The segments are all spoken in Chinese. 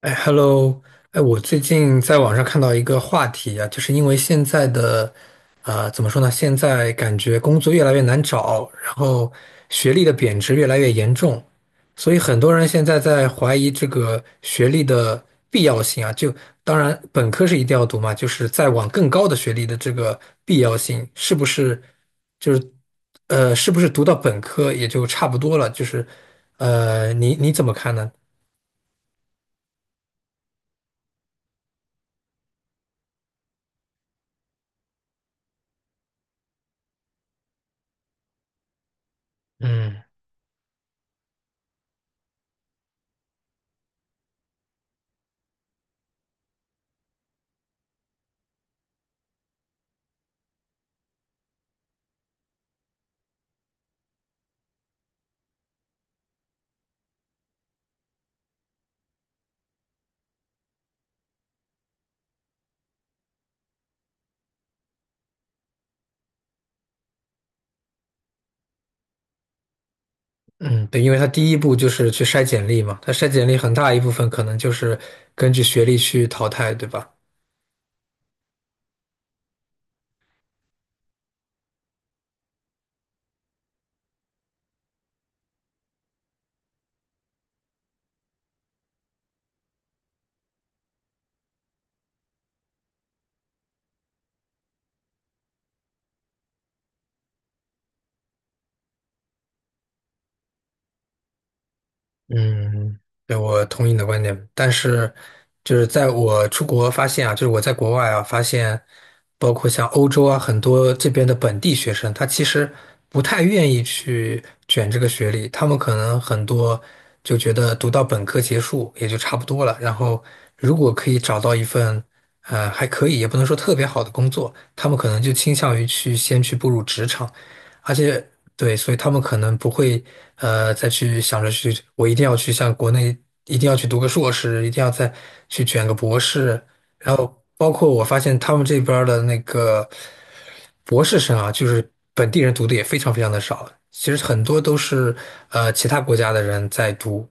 哎，Hello，哎，我最近在网上看到一个话题啊，就是因为现在的，怎么说呢？现在感觉工作越来越难找，然后学历的贬值越来越严重，所以很多人现在在怀疑这个学历的必要性啊。就当然，本科是一定要读嘛，就是再往更高的学历的这个必要性，是不是就是是不是读到本科也就差不多了？就是你怎么看呢？嗯。嗯，对，因为他第一步就是去筛简历嘛，他筛简历很大一部分可能就是根据学历去淘汰，对吧？嗯，对，我同意你的观点，但是就是在我出国发现啊，就是我在国外啊发现，包括像欧洲啊，很多这边的本地学生，他其实不太愿意去卷这个学历，他们可能很多就觉得读到本科结束也就差不多了，然后如果可以找到一份还可以，也不能说特别好的工作，他们可能就倾向于去先去步入职场。而且对，所以他们可能不会再去想着去，我一定要去像国内一定要去读个硕士，一定要再去卷个博士。然后包括我发现他们这边儿的那个博士生啊，就是本地人读的也非常非常的少，其实很多都是其他国家的人在读。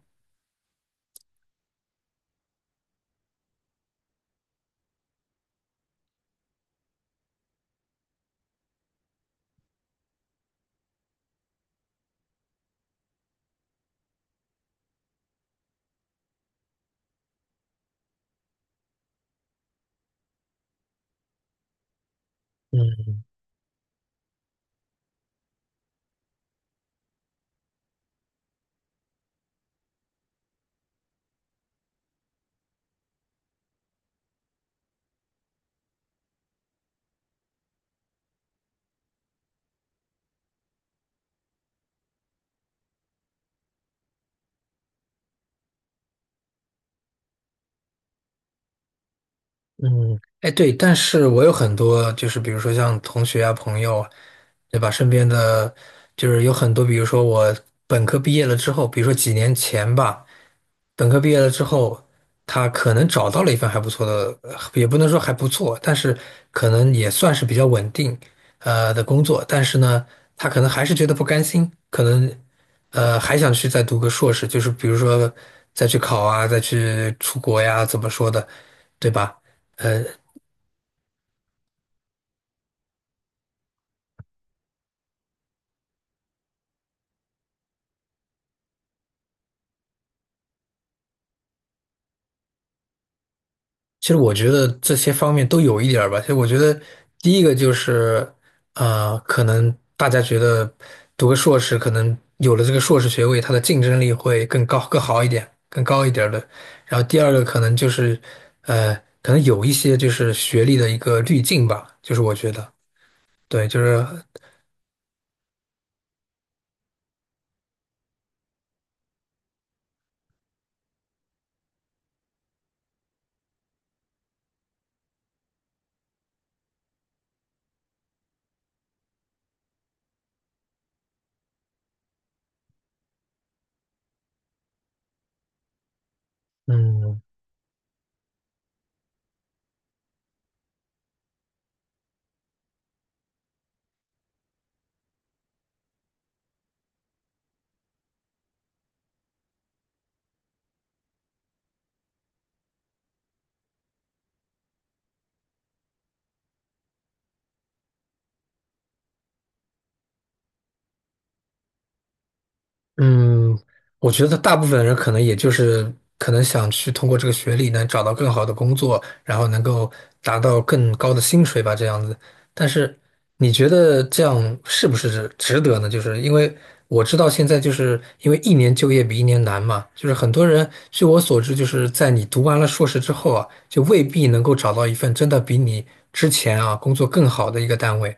嗯，哎对，但是我有很多就是比如说像同学啊、朋友啊对吧？身边的就是有很多，比如说我本科毕业了之后，比如说几年前吧。本科毕业了之后，他可能找到了一份还不错的，也不能说还不错，但是可能也算是比较稳定，的工作。但是呢，他可能还是觉得不甘心，可能还想去再读个硕士，就是比如说再去考啊，再去出国呀，怎么说的，对吧？呃。其实我觉得这些方面都有一点儿吧。其实我觉得第一个就是，可能大家觉得读个硕士，可能有了这个硕士学位，它的竞争力会更高、更好一点、更高一点儿的。然后第二个可能就是，呃，可能有一些就是学历的一个滤镜吧，就是我觉得，对，就是，嗯。嗯，我觉得大部分人可能也就是可能想去通过这个学历能找到更好的工作，然后能够达到更高的薪水吧，这样子。但是你觉得这样是不是值得呢？就是因为我知道现在就是因为一年就业比一年难嘛，就是很多人据我所知，就是在你读完了硕士之后啊，就未必能够找到一份真的比你之前啊工作更好的一个单位。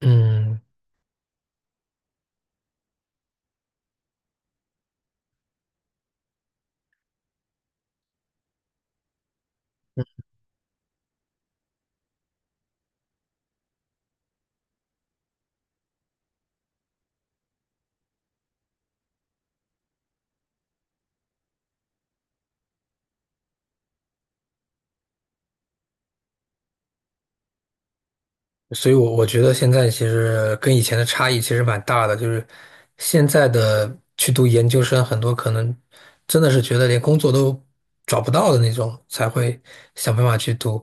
嗯。所以我，我觉得现在其实跟以前的差异其实蛮大的，就是现在的去读研究生，很多可能真的是觉得连工作都找不到的那种，才会想办法去读。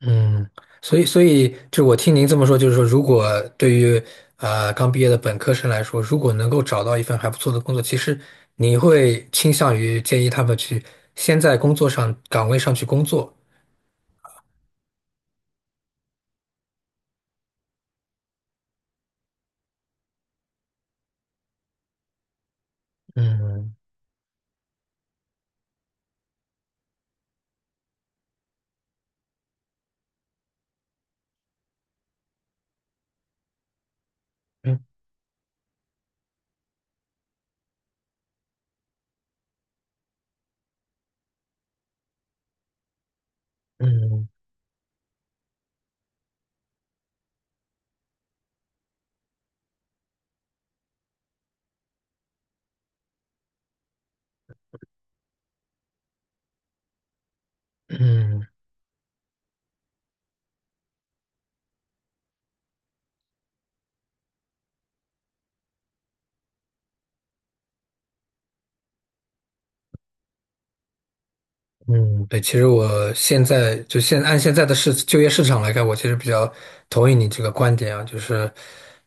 嗯，所以，所以就我听您这么说，就是说，如果对于刚毕业的本科生来说，如果能够找到一份还不错的工作，其实你会倾向于建议他们去先在工作上岗位上去工作。嗯嗯嗯嗯。嗯，对，其实我现在就现按现在的市就业市场来看，我其实比较同意你这个观点啊，就是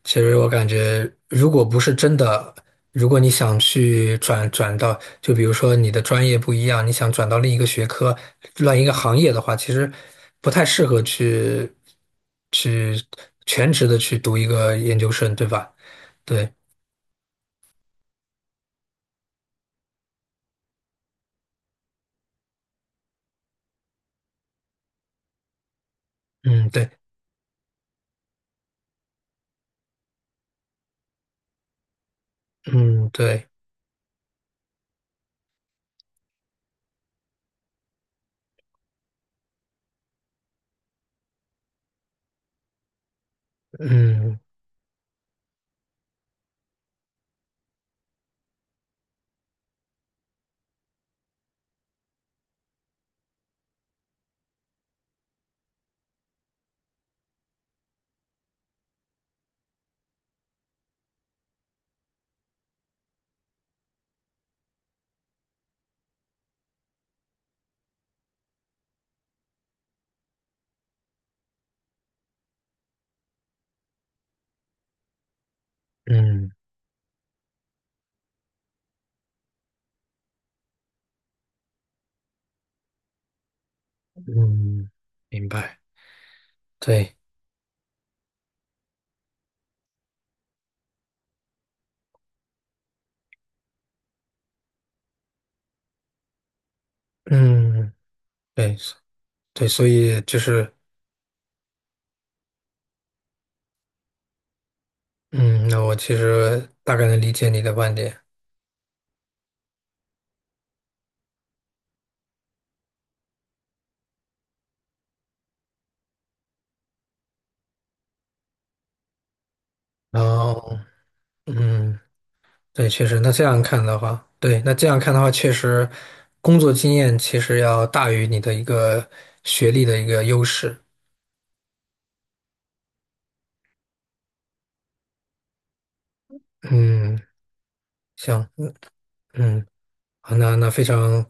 其实我感觉，如果不是真的，如果你想去转转到，就比如说你的专业不一样，你想转到另一个学科、另一个行业的话，其实不太适合去去全职的去读一个研究生，对吧？对，嗯，对，嗯，对，嗯，嗯，嗯，明白，对。嗯，对，对，所以就是，嗯，那我其实大概能理解你的观点。然后，嗯，对，确实，那这样看的话，对，那这样看的话，确实，工作经验其实要大于你的一个学历的一个优势。嗯，行，嗯，嗯，好，那那非常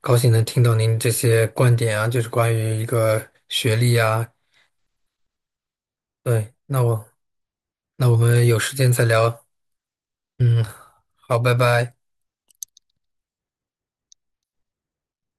高兴能听到您这些观点啊，就是关于一个学历啊，对，那我那我们有时间再聊。嗯，好，拜拜。